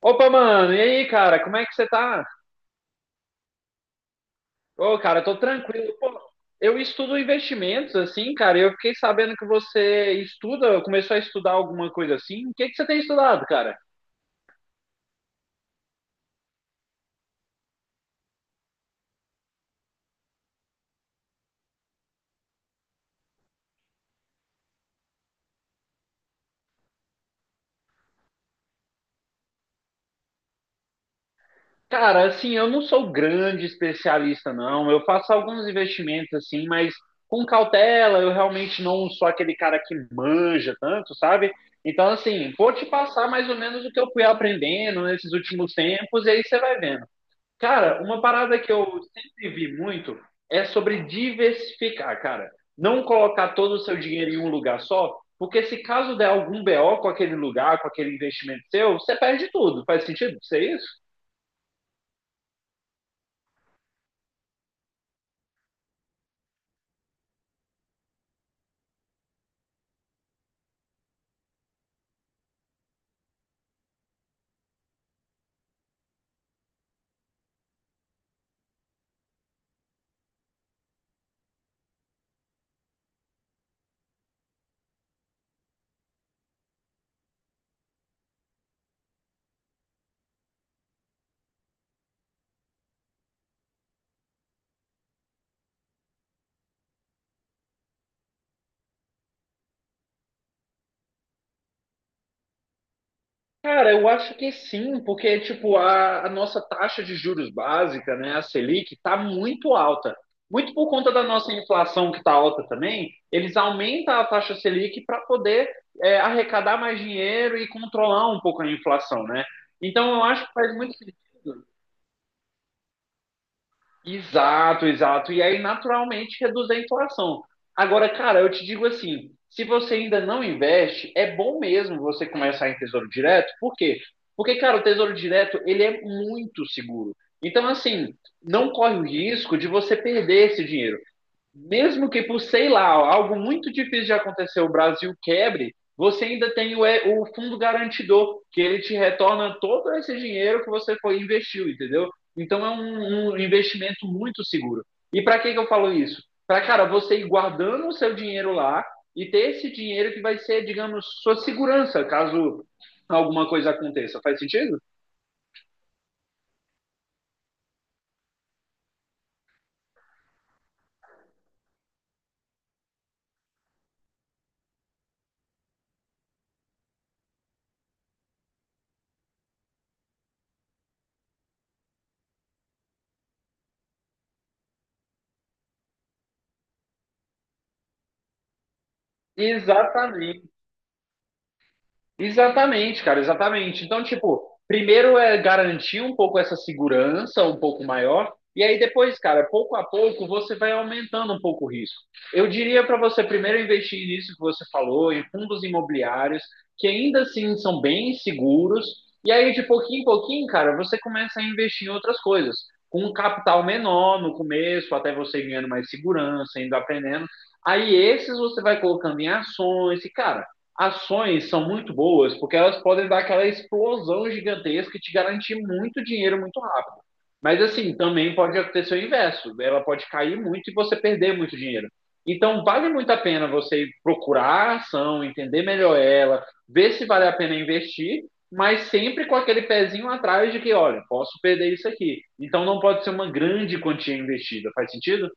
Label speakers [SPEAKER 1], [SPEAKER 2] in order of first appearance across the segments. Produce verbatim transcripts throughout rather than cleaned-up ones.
[SPEAKER 1] Opa, mano, e aí, cara, como é que você tá? Ô, cara, tô tranquilo. Pô, eu estudo investimentos, assim, cara, e eu fiquei sabendo que você estuda, começou a estudar alguma coisa assim. O que que você tem estudado, cara? Cara, assim, eu não sou grande especialista, não. Eu faço alguns investimentos, assim, mas com cautela, eu realmente não sou aquele cara que manja tanto, sabe? Então, assim, vou te passar mais ou menos o que eu fui aprendendo nesses últimos tempos, e aí você vai vendo. Cara, uma parada que eu sempre vi muito é sobre diversificar, cara. Não colocar todo o seu dinheiro em um lugar só, porque se caso der algum B O com aquele lugar, com aquele investimento seu, você perde tudo. Faz sentido? Isso é isso? Cara, eu acho que sim, porque tipo a, a nossa taxa de juros básica, né, a Selic, está muito alta. Muito por conta da nossa inflação que está alta também, eles aumentam a taxa Selic para poder é, arrecadar mais dinheiro e controlar um pouco a inflação, né? Então eu acho que faz muito sentido. Exato, exato. E aí, naturalmente, reduz a inflação. Agora, cara, eu te digo assim: se você ainda não investe, é bom mesmo você começar em Tesouro Direto. Por quê? Porque, cara, o Tesouro Direto, ele é muito seguro. Então, assim, não corre o risco de você perder esse dinheiro mesmo que por, sei lá, algo muito difícil de acontecer, o Brasil quebre, você ainda tem o, é, o fundo garantidor, que ele te retorna todo esse dinheiro que você foi investiu, entendeu? Então é um, um investimento muito seguro. E para que, que eu falo isso? Para, cara, você ir guardando o seu dinheiro lá e ter esse dinheiro que vai ser, digamos, sua segurança, caso alguma coisa aconteça. Faz sentido? Exatamente. Exatamente, cara, exatamente. Então, tipo, primeiro é garantir um pouco essa segurança, um pouco maior, e aí depois, cara, pouco a pouco você vai aumentando um pouco o risco. Eu diria para você primeiro investir nisso que você falou, em fundos imobiliários, que ainda assim são bem seguros, e aí de pouquinho em pouquinho, cara, você começa a investir em outras coisas, com um capital menor no começo, até você ganhando mais segurança, indo aprendendo. Aí esses você vai colocando em ações, e cara. Ações são muito boas porque elas podem dar aquela explosão gigantesca e te garantir muito dinheiro muito rápido. Mas assim, também pode acontecer o inverso. Ela pode cair muito e você perder muito dinheiro. Então, vale muito a pena você procurar a ação, entender melhor ela, ver se vale a pena investir, mas sempre com aquele pezinho atrás de que, olha, posso perder isso aqui. Então, não pode ser uma grande quantia investida. Faz sentido?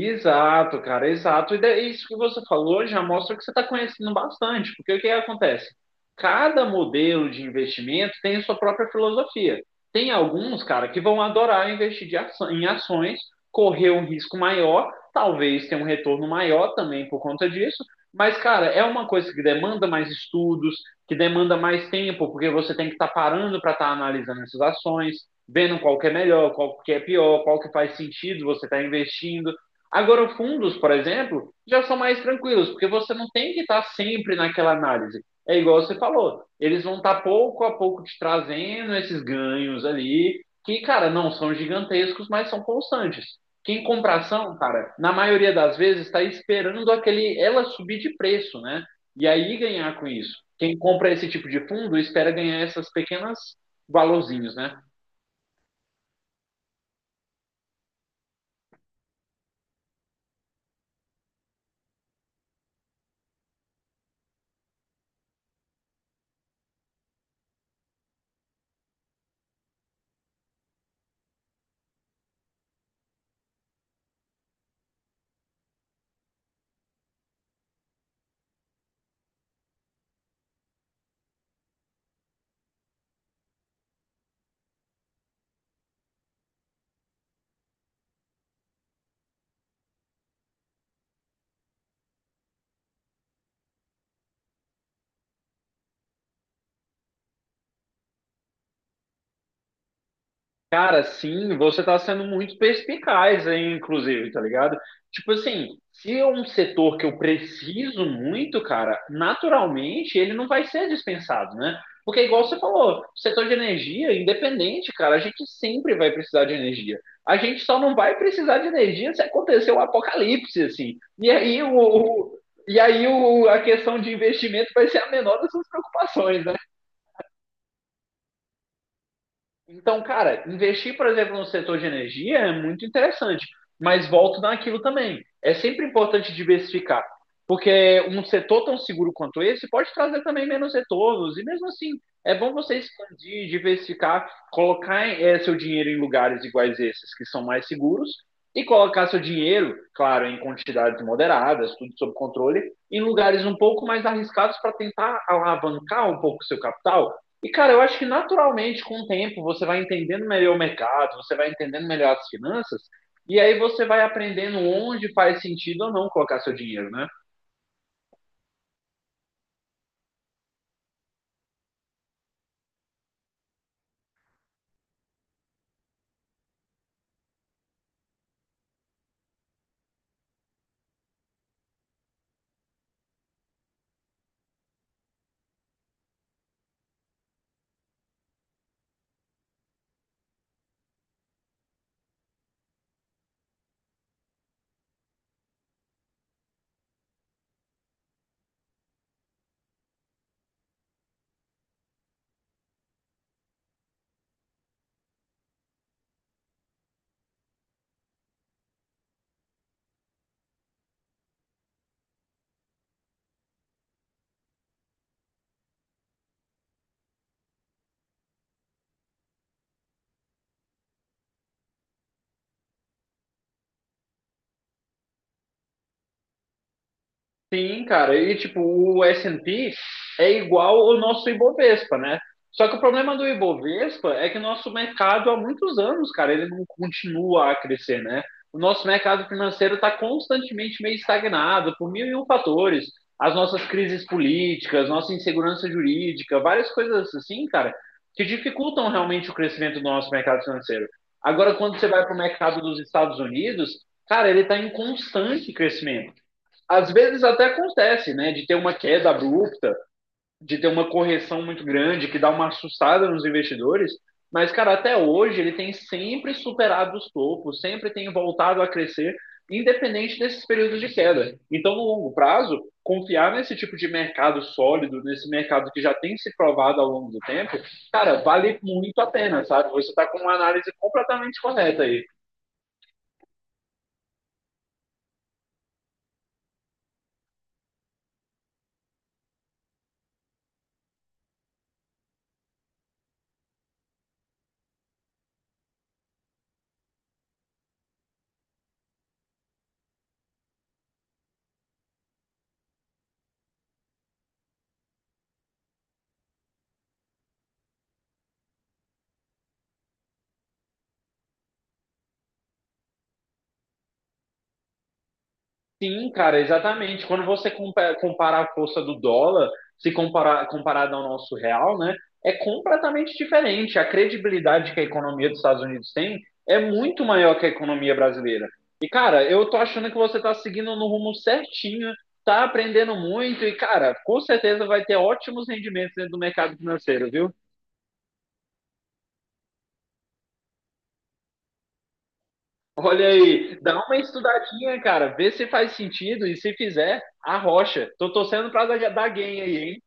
[SPEAKER 1] Exato, cara, exato. E daí, isso que você falou já mostra que você está conhecendo bastante, porque o que acontece? Cada modelo de investimento tem a sua própria filosofia. Tem alguns, cara, que vão adorar investir de ação- em ações, correr um risco maior, talvez ter um retorno maior também por conta disso, mas, cara, é uma coisa que demanda mais estudos, que demanda mais tempo, porque você tem que estar parando para estar analisando essas ações, vendo qual que é melhor, qual que é pior, qual que faz sentido você estar investindo. Agora, fundos, por exemplo, já são mais tranquilos, porque você não tem que estar sempre naquela análise. É igual você falou, eles vão estar pouco a pouco te trazendo esses ganhos ali, que, cara, não são gigantescos, mas são constantes. Quem compra ação, cara, na maioria das vezes está esperando aquele ela subir de preço, né? E aí ganhar com isso. Quem compra esse tipo de fundo espera ganhar essas pequenas valorzinhos, né? Cara, sim, você está sendo muito perspicaz, aí, inclusive, tá ligado? Tipo assim, se é um setor que eu preciso muito, cara, naturalmente ele não vai ser dispensado, né? Porque, igual você falou, o setor de energia, independente, cara, a gente sempre vai precisar de energia. A gente só não vai precisar de energia se acontecer um apocalipse, assim. E aí, o, o- e aí o, a questão de investimento vai ser a menor das suas preocupações, né? Então, cara, investir, por exemplo, no setor de energia é muito interessante, mas volto naquilo também. É sempre importante diversificar é, um setor tão seguro quanto esse pode trazer também menos retornos. E mesmo assim, é bom você expandir, diversificar, colocar é, seu dinheiro em lugares iguais a esses, que são mais seguros, e colocar seu dinheiro, claro, em quantidades moderadas, tudo sob controle, em lugares um pouco mais arriscados para tentar alavancar um pouco o seu capital. E, cara, eu acho que naturalmente, com o tempo, você vai entendendo melhor o mercado, você vai entendendo melhor as finanças, e aí você vai aprendendo onde faz sentido ou não colocar seu dinheiro, né? Sim, cara. E tipo, o S and P é igual ao nosso Ibovespa, né? Só que o problema do Ibovespa é que o nosso mercado há muitos anos, cara, ele não continua a crescer, né? O nosso mercado financeiro está constantemente meio estagnado por mil e um fatores. As nossas crises políticas, nossa insegurança jurídica, várias coisas assim, cara, que dificultam realmente o crescimento do nosso mercado financeiro. Agora, quando você vai para o mercado dos Estados Unidos, cara, ele está em constante crescimento às vezes até acontece, né, de ter uma queda abrupta, de ter uma correção muito grande, que dá uma assustada nos investidores, mas, cara, até hoje ele tem sempre superado os topos, sempre tem voltado a crescer, independente desses períodos de queda. Então, no longo prazo, confiar nesse tipo de mercado sólido, nesse mercado que já tem se provado ao longo do tempo, cara, vale muito a pena, sabe? Você está com uma análise completamente correta aí. Sim, cara, exatamente. Quando você compa- compara a força do dólar, se comparar comparado ao nosso real, né, é completamente diferente. A credibilidade que a economia dos Estados Unidos tem é muito maior que a economia brasileira. E, cara, eu tô achando que você tá seguindo no rumo certinho, tá aprendendo muito e, cara, com certeza vai ter ótimos rendimentos dentro do mercado financeiro, viu? Olha aí, dá uma estudadinha, cara, vê se faz sentido e se fizer, arrocha. Tô torcendo pra dar dar gain aí, hein?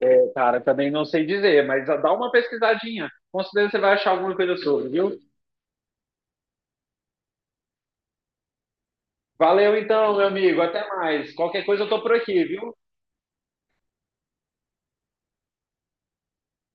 [SPEAKER 1] É, cara, também não sei dizer, mas dá uma pesquisadinha. Com certeza você vai achar alguma coisa sobre, viu? Valeu então, meu amigo. Até mais. Qualquer coisa eu tô por aqui, viu?